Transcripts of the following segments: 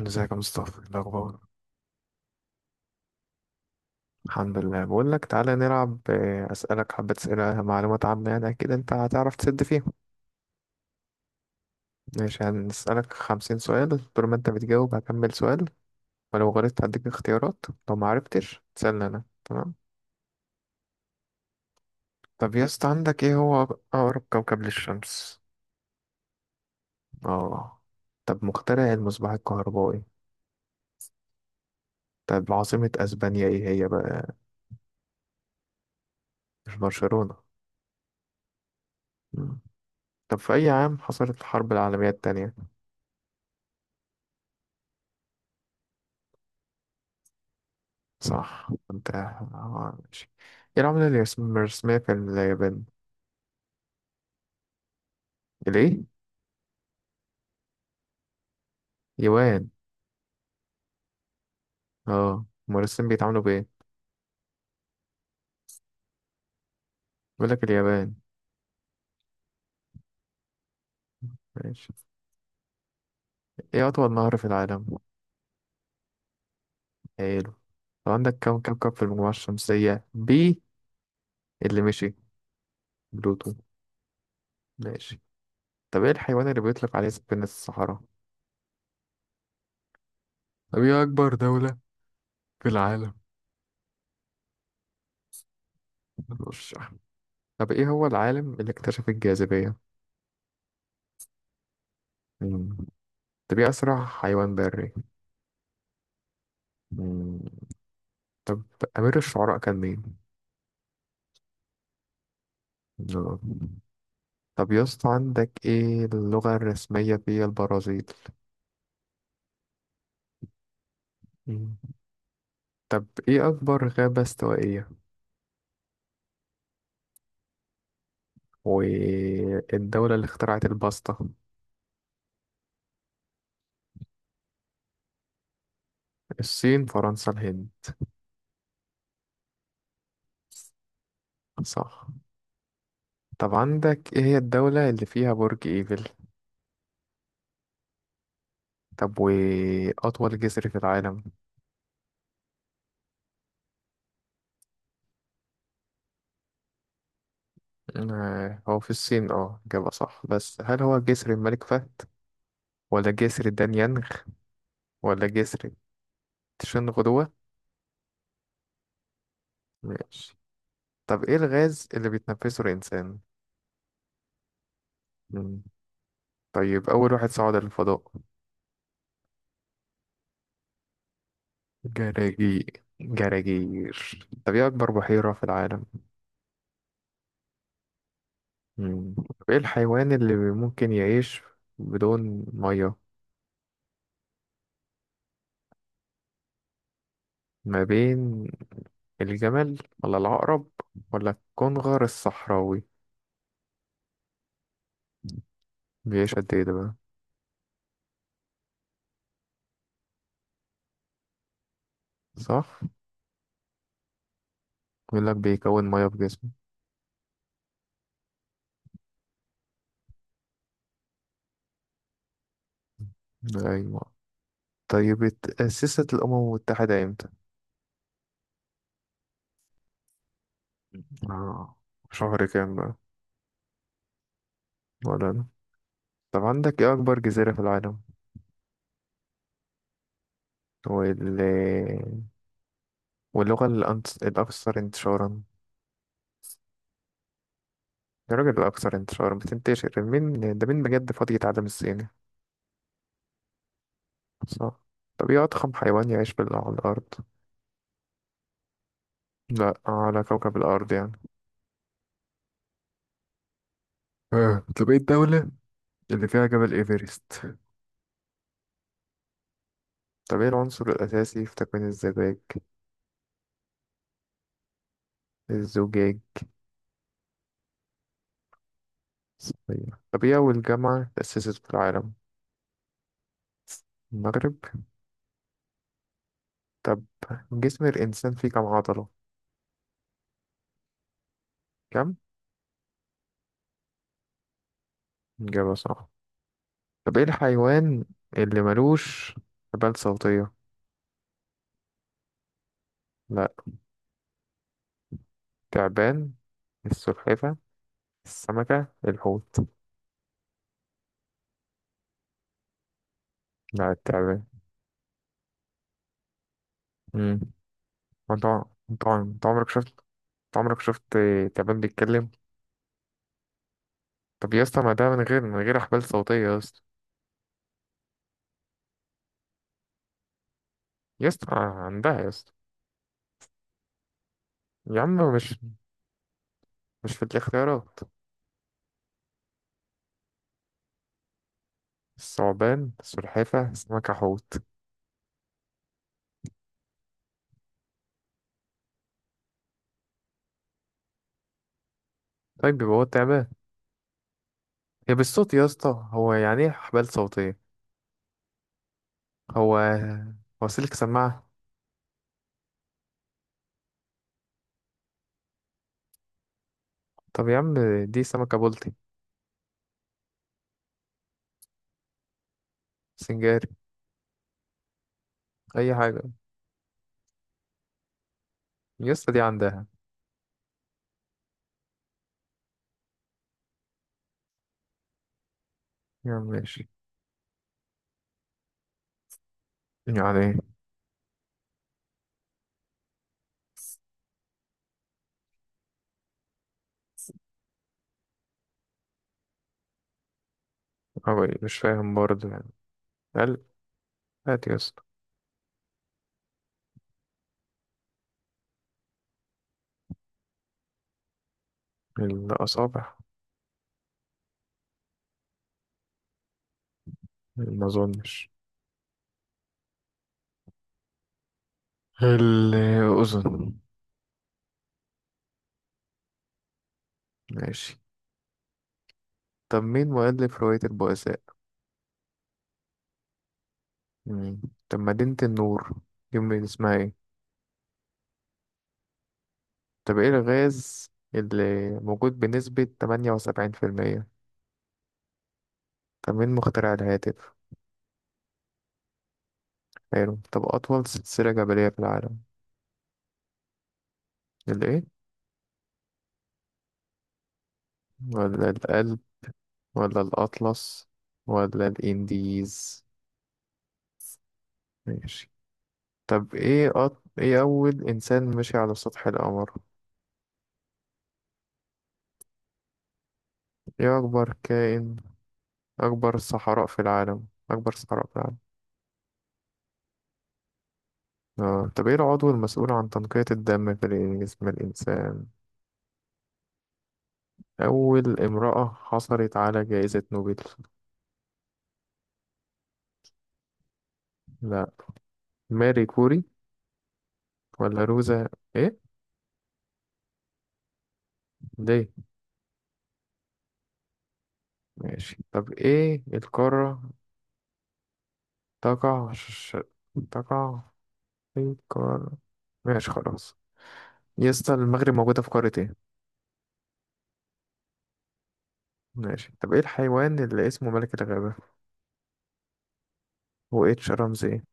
ازيك يا مصطفى، إيه الاخبار؟ الحمد لله. بقول لك تعالى نلعب، اسالك حبه اسئله، معلومات عامه، يعني اكيد انت هتعرف تسد فيهم. ماشي، هنسالك 50 سؤال. طول ما انت بتجاوب هكمل سؤال. ولو غلطت هديك اختيارات. لو ما عرفتش تسالني انا. تمام؟ طب يا اسطى، عندك، ايه هو اقرب كوكب للشمس؟ اه. طب مخترع المصباح الكهربائي؟ طب عاصمه اسبانيا ايه هي بقى؟ مش برشلونه؟ مم. طب في اي عام حصلت الحرب العالميه التانية؟ صح، انت ماشي. ايه العملة اللي مرسومية في اليابان؟ الايه؟ يوان. اه. المرسم بيتعاملوا بايه؟ بيقول لك اليابان. ماشي. ايه اطول نهر في العالم؟ حلو. طب عندك، كم كوكب في المجموعة الشمسية بي؟ اللي مشي. بلوتو. ماشي. طب ايه الحيوان اللي بيطلق عليه سفينة الصحراء؟ طب ايه اكبر دولة في العالم؟ مش. طب ايه هو العالم اللي اكتشف الجاذبية؟ مم. طب ايه اسرع حيوان بري؟ مم. طب امير الشعراء كان مين؟ لا. طب يا اسطى، عندك، ايه اللغة الرسمية في البرازيل؟ مم. طب ايه أكبر غابة استوائية؟ والدولة اللي اخترعت الباستا؟ الصين، فرنسا، الهند؟ صح. طب عندك، ايه هي الدولة اللي فيها برج ايفل؟ طب وأطول جسر في العالم؟ هو في الصين، إجابة صح. بس هل هو جسر الملك فهد، ولا جسر دانيانغ، ولا جسر تشنغدوا؟ ماشي. طب ايه الغاز اللي بيتنفسه الإنسان؟ مم. طيب أول واحد صعد للفضاء؟ جراجي؟ جراجير. طب إيه أكبر بحيرة في العالم؟ مم. طب إيه الحيوان اللي ممكن يعيش بدون مية؟ ما بين الجمل، ولا العقرب، ولا الكنغر الصحراوي؟ بيعيش قد إيه ده بقى؟ صح؟ بيقول لك بيكون مية في جسمه. أيوة. طيب اتأسست الأمم المتحدة إمتى؟ آه. شهر كام بقى؟ ولا أنا؟ طب عندك، إيه أكبر جزيرة في العالم؟ وال... واللغة الأكثر انتشارا؟ الراجل الأكثر انتشارا، بتنتشر مين يعني؟ ده مين بجد فاضي يتعلم الصيني؟ صح. طب ايه أضخم حيوان يعيش على الأرض؟ لا، على كوكب الأرض يعني. اه. طب ايه الدولة اللي فيها جبل ايفرست؟ طب ايه العنصر الأساسي في تكوين الزجاج؟ الزجاج. صحيح. طب ايه أول جامعة تأسست في العالم؟ المغرب. طب، جسم الإنسان فيه كم عضلة؟ كم؟ إجابة صح. طب ايه الحيوان اللي ملوش حبال صوتية؟ لا. تعبان، السلحفة، السمكة، الحوت. لا التعبان. امم. انت انت عمرك شفت، انت عمرك شفت تعبان بيتكلم؟ طب يا اسطى، ما ده من غير حبال صوتية يا اسطى. يا اسطى، عندها يا اسطى. يا عم مش. مش في الاختيارات. الثعبان، السلحفة، السمكة، حوت. طيب، يبقى هو التعبان. هي بالصوت يا اسطى. هو يعني ايه حبال صوتية؟ هو هو سلك سماعة؟ طب يا عم، دي سمكة بلطي. سنجاري. أي حاجة. يسطا دي عندها. يا عم ماشي. يعني إيه؟ أو إيه؟ مش فاهم برضه يعني. قال. هات يسطا. الأصابع. ما أظنش. الأذن. ماشي. طب مين مؤلف رواية البؤساء؟ مم. طب مدينة النور دي اسمها ايه؟ طب ايه الغاز اللي موجود بنسبة 78%؟ طب مين مخترع الهاتف؟ حلو. طب أطول سلسلة جبلية في العالم؟ الإيه؟ ولا الأقل، ولا الأطلس، ولا الإنديز؟ ماشي. طب إيه أول إنسان مشي على سطح القمر؟ إيه أكبر كائن أكبر صحراء في العالم؟ أكبر صحراء في العالم. آه. طب إيه العضو المسؤول عن تنقية الدم في جسم الإنسان؟ أول امرأة حصلت على جائزة نوبل؟ لا. ماري كوري، ولا روزا؟ إيه؟ ليه؟ ماشي. طب إيه القارة تقع ش... تقع في القارة. ماشي خلاص. يا اسطى، المغرب موجودة في قارة ايه؟ ماشي. طب ايه الحيوان اللي اسمه ملك الغابة؟ هو اتش رمزي ايه؟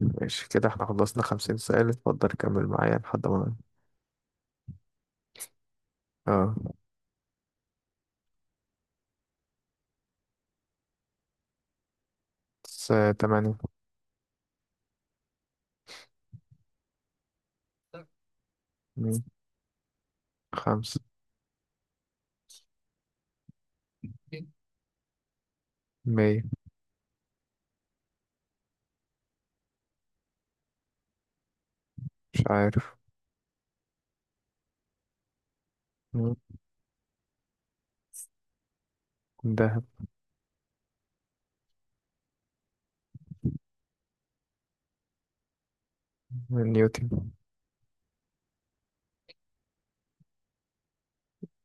ماشي كده، احنا خلصنا 50 سؤال. اتفضل، كمل معايا لحد ما. اه. س- 8. مم. 5. 100. مش عارف. مم. دهب. نيوتن.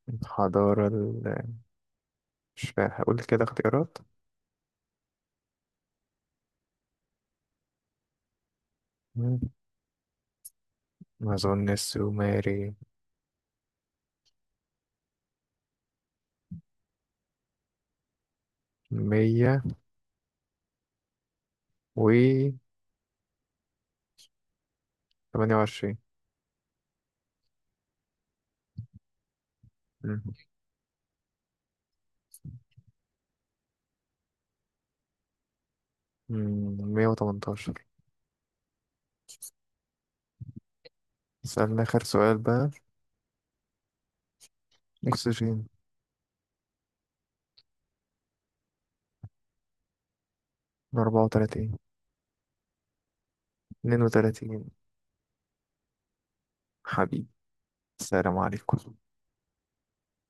الحضارة مش فا- هقول كده اختيارات. مم. ما أظن السومري. 100. و 28. 118. سألنا آخر سؤال بقى. أكسجين. من 34. 32. حبيبي. السلام عليكم.